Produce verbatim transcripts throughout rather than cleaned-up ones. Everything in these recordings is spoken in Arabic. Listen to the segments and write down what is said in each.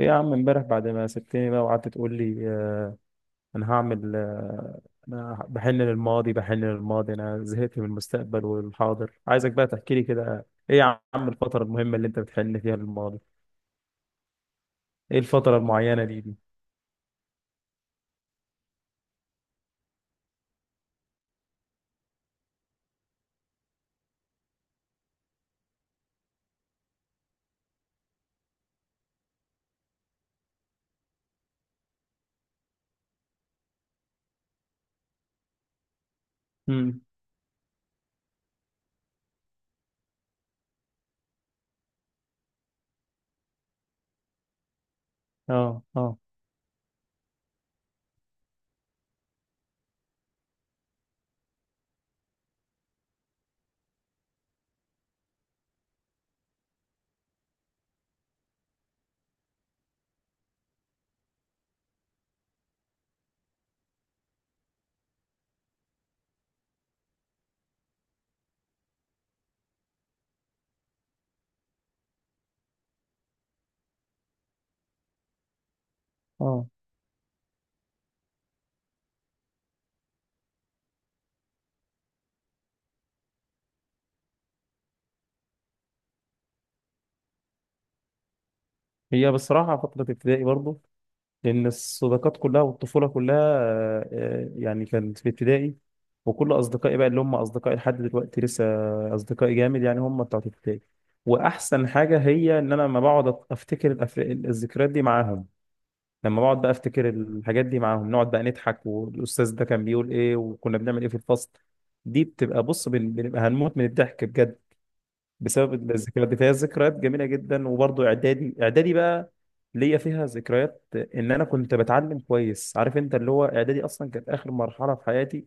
ايه يا عم امبارح بعد ما سبتني بقى وقعدت تقول لي، آه انا هعمل، آه انا بحن للماضي بحن للماضي. انا زهقت من المستقبل والحاضر. عايزك بقى تحكي لي كده، ايه يا عم الفترة المهمة اللي انت بتحن فيها للماضي؟ ايه الفترة المعينة دي دي؟ امم. اه اه. اه، هي بصراحة فترة ابتدائي برضو. لأن الصداقات كلها والطفولة كلها، آه، آه، يعني كانت في ابتدائي. وكل أصدقائي بقى اللي هم أصدقائي لحد دلوقتي لسه أصدقائي جامد، يعني هم بتوع ابتدائي. وأحسن حاجة هي إن أنا لما بقعد أف- أفتكر الأف- الذكريات دي معاهم. لما بقعد بقى أفتكر الحاجات دي معاهم نقعد بقى نضحك، والأستاذ ده كان بيقول إيه، وكنا بنعمل إيه في الفصل. دي بتبقى، بص، بن- بنبقى هنموت من الضحك بجد بسبب الذكريات دي. فهي ذكريات جميله جدا. وبرضه اعدادي، اعدادي بقى ليا فيها ذكريات ان انا كنت بتعلم كويس، عارف انت، اللي هو اعدادي اصلا كانت اخر مرحله في حياتي.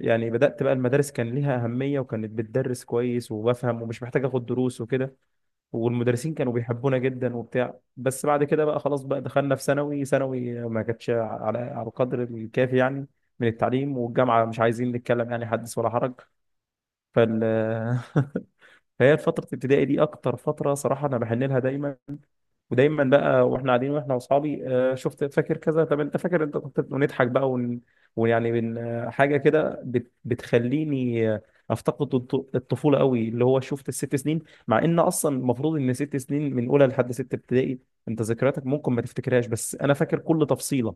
يعني بدات بقى المدارس كان ليها اهميه، وكانت بتدرس كويس وبفهم ومش محتاج اخد دروس وكده. والمدرسين كانوا بيحبونا جدا وبتاع. بس بعد كده بقى خلاص، بقى دخلنا في ثانوي، ثانوي ما كانتش على على القدر الكافي يعني من التعليم. والجامعه مش عايزين نتكلم، يعني حدث ولا حرج. فال فهي فترة ابتدائي دي أكتر فترة صراحة أنا بحن لها دايما. ودايما بقى وإحنا قاعدين وإحنا وأصحابي، آه، شفت فاكر كذا، طب أنت فاكر أنت كنت، ونضحك بقى ون... ويعني من، آه، حاجة كده بت... بتخليني، آه، أفتقد الط- الطفولة قوي. اللي هو شفت الست سنين، مع إن أصلا المفروض إن ست سنين من أولى لحد ستة ابتدائي، أنت ذكرياتك ممكن ما تفتكرهاش، بس أنا فاكر كل تفصيلة.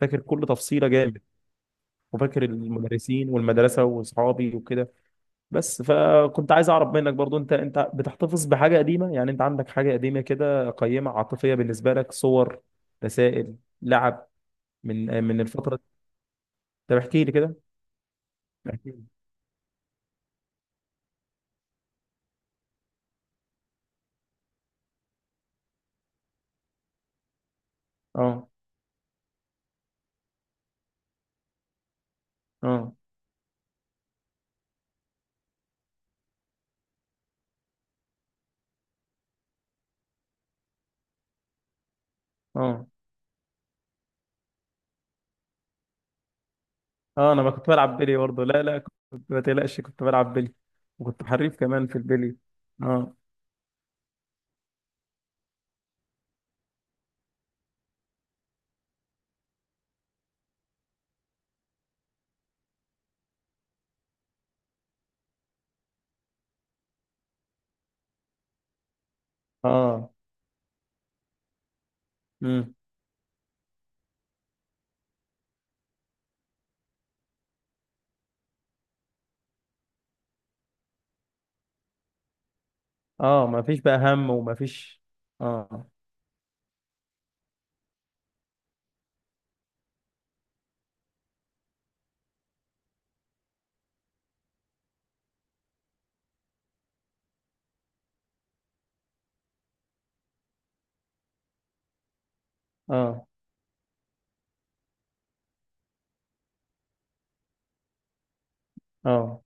فاكر كل تفصيلة جامد. وفاكر المدرسين والمدرسة وأصحابي وكده. بس فكنت عايز اعرف منك برضو، انت انت بتحتفظ بحاجه قديمه؟ يعني انت عندك حاجه قديمه كده قيمه عاطفيه بالنسبه لك، صور، رسائل، لعب، من من الفتره دي؟ طب احكي لي كده. احكي لي. اه اه. اه اه. انا ما كنت بلعب بيلي برضو، لا لا، كنت، ما تقلقش كنت بلعب بيلي. وكنت حريف كمان في البيلي. اه اه. امم. اه. ما فيش بقى هم وما فيش. اه اه. اه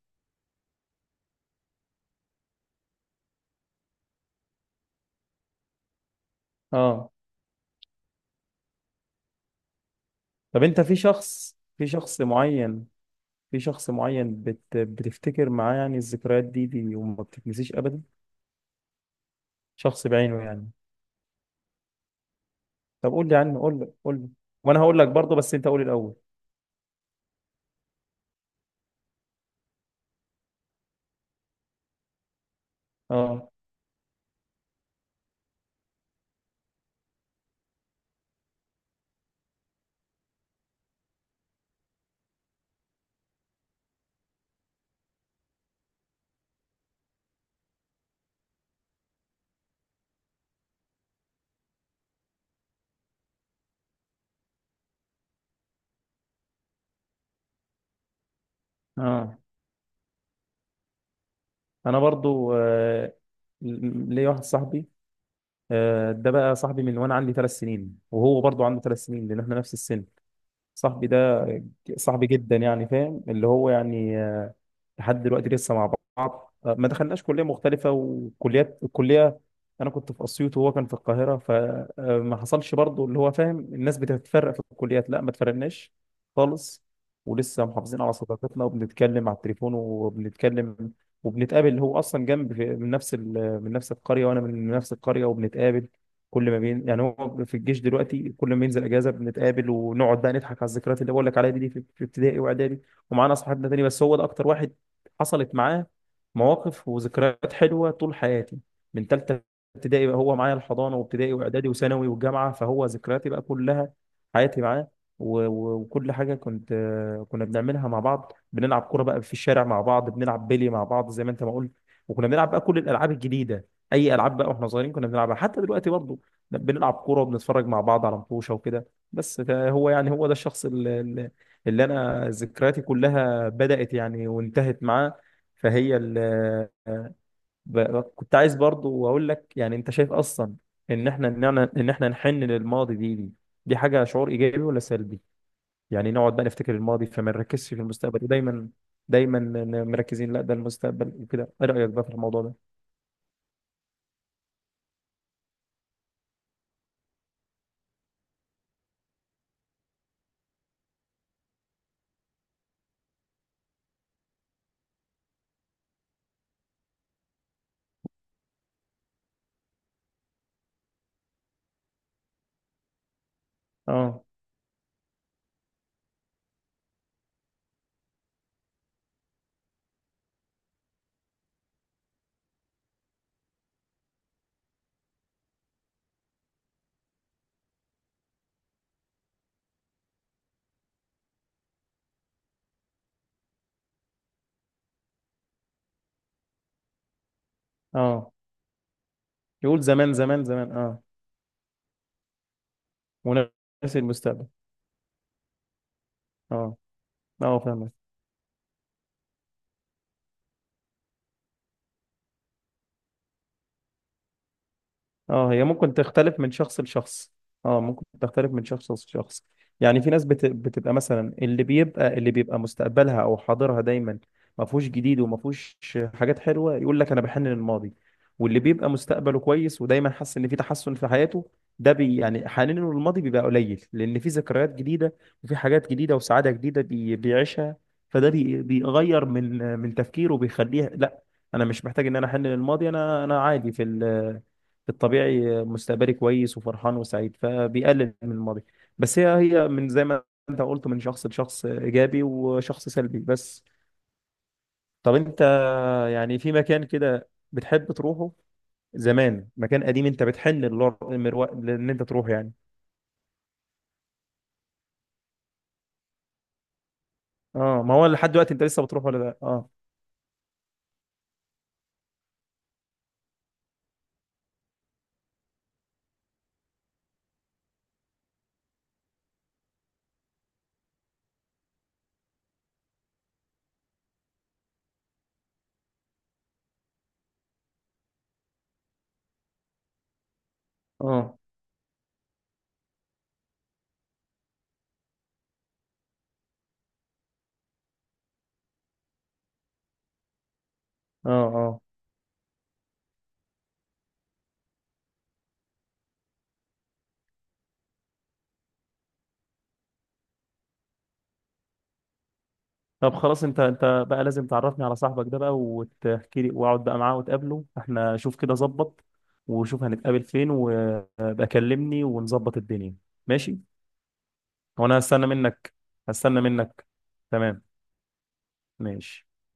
اه. طب انت في شخص، في شخص معين في شخص معين بت... بتفتكر معاه يعني الذكريات دي, دي وما بتتنسيش ابدا، شخص بعينه يعني؟ طب قول لي عنه، قول لي، قول لي. وانا هقول لك برضه، بس انت قول الاول. اه اه. انا برضه، آه... ليا واحد صاحبي. آه، ده بقى صاحبي من وانا عندي ثلاث سنين، وهو برضو عنده ثلاث سنين، لان احنا نفس السن. صاحبي ده صاحبي جدا يعني، فاهم اللي هو يعني، آه، لحد دلوقتي لسه مع بعض، آه، ما دخلناش كلية مختلفة وكليات. الكلية أنا كنت في أسيوط وهو كان في القاهرة، فما حصلش برضو اللي هو فاهم الناس بتتفرق في الكليات، لا ما اتفرقناش خالص. ولسه محافظين على صداقتنا، وبنتكلم على التليفون، وبنتكلم وبنتقابل. هو أصلا جنب في- من نفس ال- من نفس القرية، وأنا من نفس القرية، وبنتقابل كل ما بين، يعني هو في الجيش دلوقتي، كل ما ينزل اجازه بنتقابل ونقعد بقى نضحك على الذكريات اللي بقول لك عليها دي، في في ابتدائي واعدادي. ومعانا اصحابنا تاني، بس هو ده اكتر واحد حصلت معاه مواقف وذكريات حلوة طول حياتي. من تالتة ابتدائي بقى هو معايا، الحضانة وابتدائي وإعدادي وثانوي والجامعة، فهو ذكرياتي بقى كلها حياتي معاه. و- و- وكل حاجة كنت، آه، كنا بنعملها مع بعض، بنلعب كورة بقى في الشارع مع بعض، بنلعب بيلي مع بعض زي ما أنت ما قلت. وكنا بنلعب بقى كل الألعاب الجديدة، أي ألعاب بقى وإحنا صغيرين كنا بنلعبها، حتى دلوقتي برضه بنلعب كورة وبنتفرج مع بعض على مطوشة وكده. بس ده- هو يعني، هو ده الشخص اللي, اللي اللي أنا ذكرياتي كلها بدأت يعني وانتهت معاه. فهي ال ب- كنت عايز برضو اقول لك يعني، انت شايف اصلا ان احنا ان احنا ان احنا نحن للماضي دي دي دي حاجه، شعور ايجابي ولا سلبي؟ يعني نقعد بقى نفتكر الماضي فما نركزش في المستقبل، ودايما دايما، ن- مركزين لا ده المستقبل وكده، ايه رايك بقى في الموضوع ده؟ اه اه. يقول زمان زمان زمان اه. ونفس المستقبل. اه اه فاهم. اه، هي ممكن تختلف من شخص لشخص. اه ممكن تختلف من شخص لشخص. يعني في ناس بت... بتبقى مثلا، اللي بيبقى، اللي بيبقى مستقبلها او حاضرها دايما ما فيهوش جديد وما فيهوش حاجات حلوه، يقول لك انا بحن للماضي. واللي بيبقى مستقبله كويس ودايما حاسس ان في تحسن في حياته، ده بي يعني حنينه للماضي بيبقى قليل لان في ذكريات جديده وفي حاجات جديده وسعاده جديده بي... بيعيشها. فده بي... بيغير من من تفكيره وبيخليه، لا انا مش محتاج ان انا احن للماضي، انا انا عادي في ال... الطبيعي، مستقبلي كويس وفرحان وسعيد فبيقلل من الماضي. بس هي هي من زي ما انت قلت، من شخص لشخص ايجابي وشخص سلبي بس. طب انت يعني في مكان كده بتحب تروحه زمان، مكان قديم انت بتحن للور- للمرو- لان انت تروح يعني؟ اه، ما هو لحد دلوقتي انت لسه بتروح ولا لا؟ اه. اه اه. اه طب خلاص، انت انت بقى لازم تعرفني على صاحبك ده بقى وتحكي لي، واقعد بقى معاه وتقابله احنا، شوف كده ظبط، وشوف هنتقابل فين، وابقى كلمني ونظبط الدنيا، ماشي؟ وانا هستنى منك، هستنى منك. تمام. ماشي.